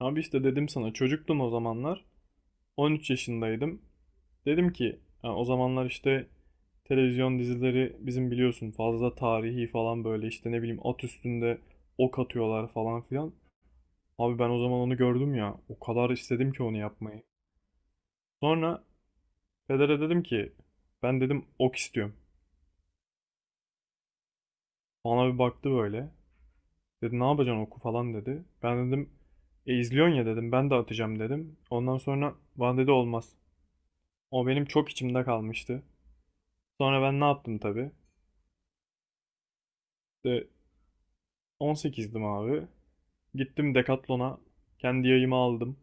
Abi işte dedim sana çocuktum o zamanlar. 13 yaşındaydım. Dedim ki o zamanlar işte televizyon dizileri bizim biliyorsun fazla tarihi falan böyle işte ne bileyim at üstünde ok atıyorlar falan filan. Abi ben o zaman onu gördüm ya. O kadar istedim ki onu yapmayı. Sonra pedere dedim ki ben dedim ok istiyorum. Bana bir baktı böyle. Dedi ne yapacaksın oku falan dedi. Ben dedim e izliyorsun ya dedim ben de atacağım dedim. Ondan sonra bana dedi olmaz. O benim çok içimde kalmıştı. Sonra ben ne yaptım tabii. İşte 18'dim abi. Gittim Decathlon'a. Kendi yayımı aldım.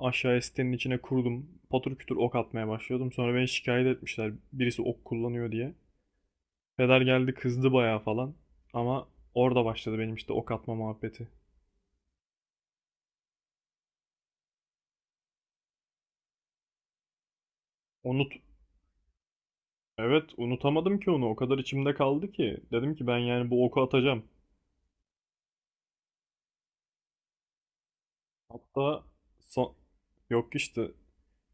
Aşağıya sitenin içine kurdum. Patır kütür ok atmaya başlıyordum. Sonra beni şikayet etmişler. Birisi ok kullanıyor diye. Peder geldi kızdı bayağı falan. Ama orada başladı benim işte ok atma muhabbeti. Unut. Evet, unutamadım ki onu. O kadar içimde kaldı ki. Dedim ki ben yani bu oku atacağım. Hatta son... yok işte,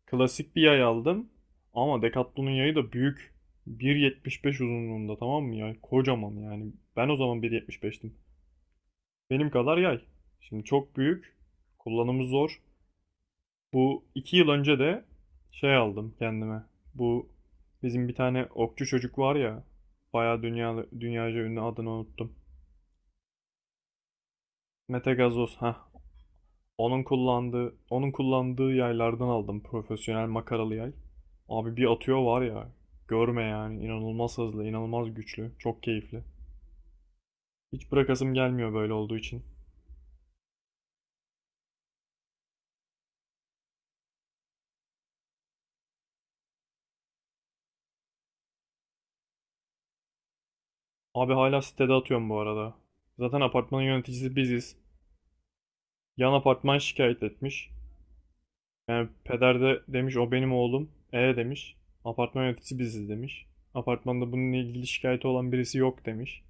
klasik bir yay aldım. Ama Decathlon'un yayı da büyük. 1,75 uzunluğunda, tamam mı ya? Kocaman yani. Ben o zaman 1,75'tim. Benim kadar yay. Şimdi çok büyük. Kullanımı zor. Bu 2 yıl önce de şey aldım kendime. Bu bizim bir tane okçu çocuk var ya. Bayağı dünyaca ünlü, adını unuttum. Mete Gazoz. Ha. Onun kullandığı yaylardan aldım. Profesyonel makaralı yay. Abi bir atıyor var ya. Görme yani. İnanılmaz hızlı, inanılmaz güçlü. Çok keyifli. Hiç bırakasım gelmiyor böyle olduğu için. Abi hala sitede atıyorum bu arada. Zaten apartmanın yöneticisi biziz. Yan apartman şikayet etmiş. Yani peder de demiş o benim oğlum. E demiş. Apartman yöneticisi biziz demiş. Apartmanda bununla ilgili şikayeti olan birisi yok demiş.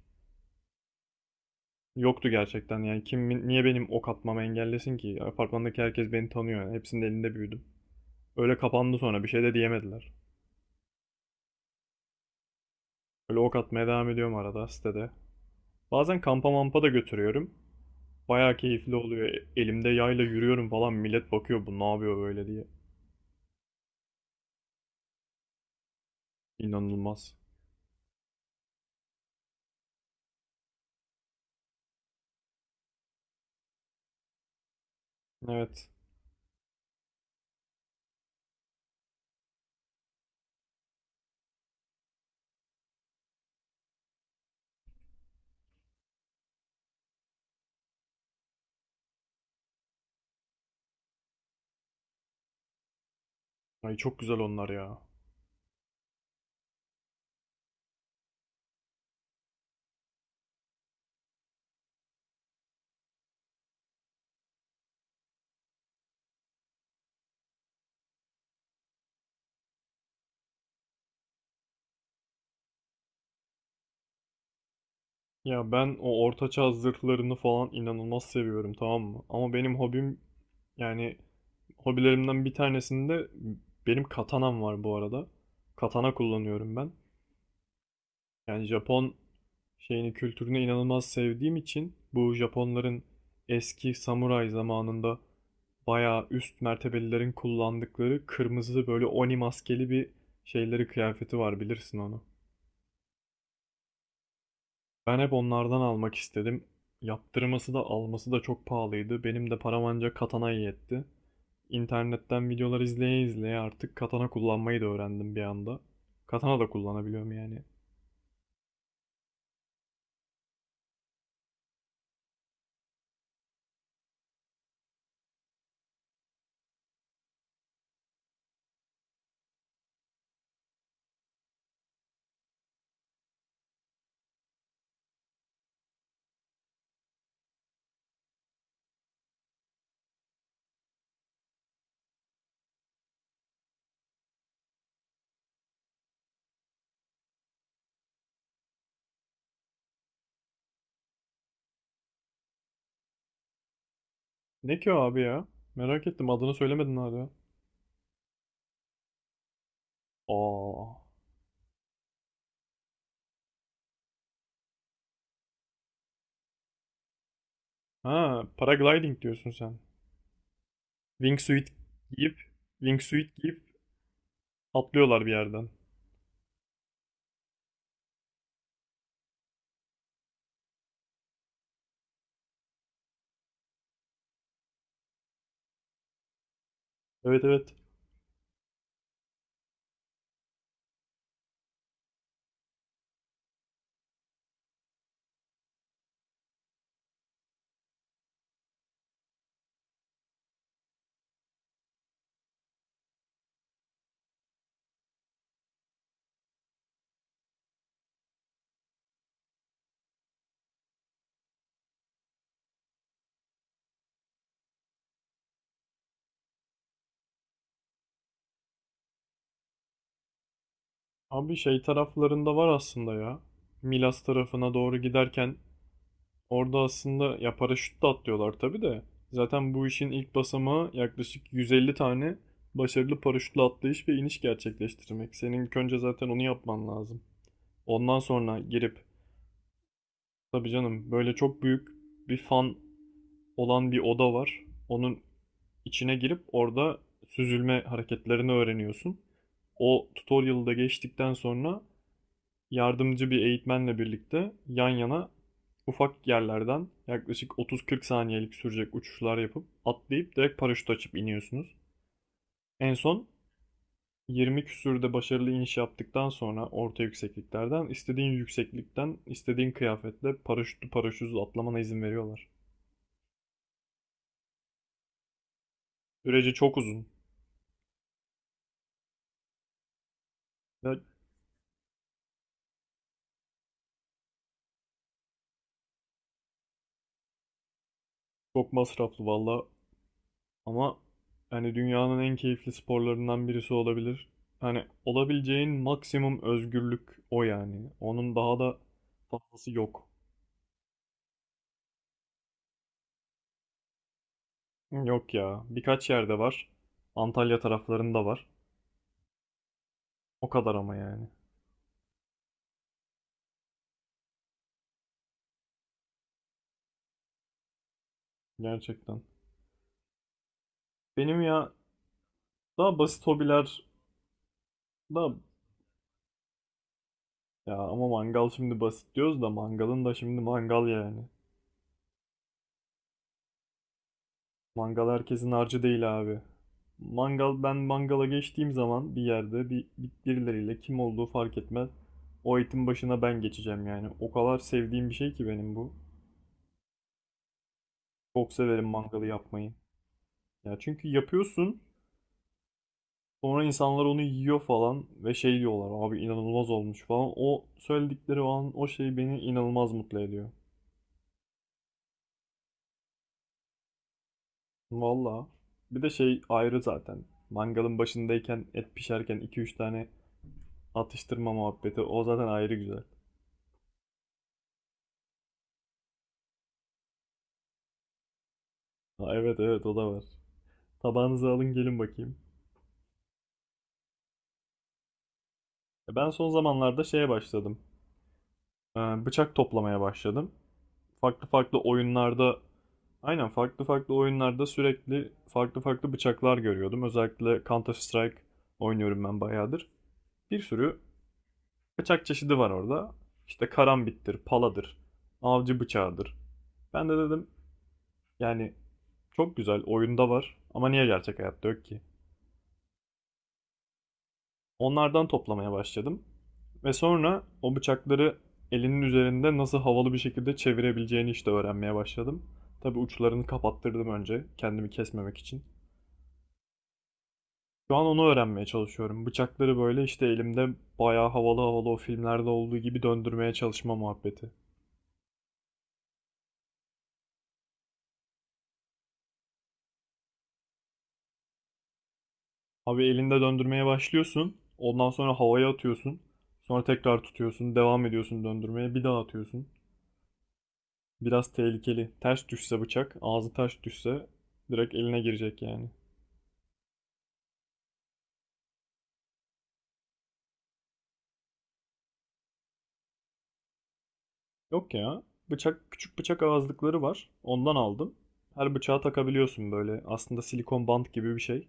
Yoktu gerçekten yani, kim niye benim ok atmamı engellesin ki? Apartmandaki herkes beni tanıyor yani, hepsinin elinde büyüdüm. Öyle kapandı, sonra bir şey de diyemediler. Öyle ok atmaya devam ediyorum arada sitede. Bazen kampa mampa da götürüyorum. Bayağı keyifli oluyor. Elimde yayla yürüyorum falan, millet bakıyor bu ne yapıyor böyle diye. İnanılmaz. Evet. Ay, çok güzel onlar ya. Ya ben o ortaçağ zırhlarını falan inanılmaz seviyorum, tamam mı? Ama benim hobim yani, hobilerimden bir tanesinde benim katanam var bu arada. Katana kullanıyorum ben. Yani Japon şeyini, kültürünü inanılmaz sevdiğim için, bu Japonların eski samuray zamanında bayağı üst mertebelilerin kullandıkları kırmızı böyle oni maskeli bir şeyleri, kıyafeti var, bilirsin onu. Ben hep onlardan almak istedim. Yaptırması da alması da çok pahalıydı. Benim de param ancak katanaya yetti. İnternetten videolar izleye izleye artık katana kullanmayı da öğrendim bir anda. Katana da kullanabiliyorum yani. Ne ki o abi ya? Merak ettim, adını söylemedin hala. Aa. Ha, paragliding diyorsun sen. Wingsuit giyip, wingsuit giyip atlıyorlar bir yerden. Evet, evet. Abi şey taraflarında var aslında ya. Milas tarafına doğru giderken orada, aslında ya paraşütle atlıyorlar tabii de. Zaten bu işin ilk basamağı yaklaşık 150 tane başarılı paraşütle atlayış ve iniş gerçekleştirmek. Senin ilk önce zaten onu yapman lazım. Ondan sonra girip, tabii canım böyle çok büyük bir fan olan bir oda var. Onun içine girip orada süzülme hareketlerini öğreniyorsun. O tutorial'da geçtikten sonra yardımcı bir eğitmenle birlikte yan yana ufak yerlerden yaklaşık 30-40 saniyelik sürecek uçuşlar yapıp, atlayıp direkt paraşüt açıp iniyorsunuz. En son 20 küsürde başarılı iniş yaptıktan sonra, orta yüksekliklerden, istediğin yükseklikten istediğin kıyafetle paraşütlü paraşütsüz atlamana izin veriyorlar. Süreci çok uzun ve çok masraflı valla. Ama hani dünyanın en keyifli sporlarından birisi olabilir. Hani olabileceğin maksimum özgürlük o yani. Onun daha da fazlası yok. Yok ya. Birkaç yerde var. Antalya taraflarında var. O kadar ama yani. Gerçekten. Benim ya, daha basit hobiler, daha ya ama mangal, şimdi basit diyoruz da mangalın da, şimdi mangal yani. Mangal herkesin harcı değil abi. Mangal, ben mangala geçtiğim zaman bir yerde birileriyle, kim olduğu fark etmez. O etin başına ben geçeceğim yani. O kadar sevdiğim bir şey ki benim bu. Çok severim mangalı yapmayı. Ya çünkü yapıyorsun, sonra insanlar onu yiyor falan ve şey diyorlar, abi inanılmaz olmuş falan. O söyledikleri o an, o şey beni inanılmaz mutlu ediyor. Valla. Bir de şey ayrı zaten. Mangalın başındayken, et pişerken 2-3 tane atıştırma muhabbeti, o zaten ayrı güzel. Ha, evet, evet o da var. Tabağınızı alın gelin bakayım. Ben son zamanlarda şeye başladım. Bıçak toplamaya başladım. Farklı farklı oyunlarda, aynen, farklı farklı oyunlarda sürekli farklı farklı bıçaklar görüyordum. Özellikle Counter Strike oynuyorum ben bayağıdır. Bir sürü bıçak çeşidi var orada. İşte karambittir, paladır, avcı bıçağıdır. Ben de dedim yani, çok güzel oyunda var ama niye gerçek hayatta yok ki? Onlardan toplamaya başladım. Ve sonra o bıçakları elinin üzerinde nasıl havalı bir şekilde çevirebileceğini işte öğrenmeye başladım. Tabii uçlarını kapattırdım önce, kendimi kesmemek için. Şu an onu öğrenmeye çalışıyorum. Bıçakları böyle işte elimde bayağı havalı havalı, o filmlerde olduğu gibi döndürmeye çalışma muhabbeti. Abi elinde döndürmeye başlıyorsun. Ondan sonra havaya atıyorsun. Sonra tekrar tutuyorsun. Devam ediyorsun döndürmeye. Bir daha atıyorsun. Biraz tehlikeli. Ters düşse bıçak, ağzı ters düşse direkt eline girecek yani. Yok ya. Bıçak, küçük bıçak ağızlıkları var. Ondan aldım. Her bıçağa takabiliyorsun böyle. Aslında silikon bant gibi bir şey.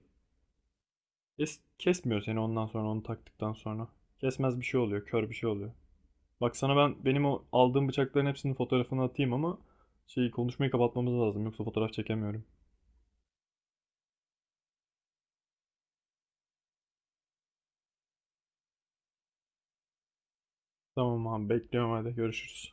Es kesmiyor seni ondan sonra, onu taktıktan sonra. Kesmez bir şey oluyor, kör bir şey oluyor. Bak sana benim o aldığım bıçakların hepsinin fotoğrafını atayım, ama şeyi, konuşmayı kapatmamız lazım yoksa fotoğraf çekemiyorum. Tamam abi, bekliyorum, hadi görüşürüz.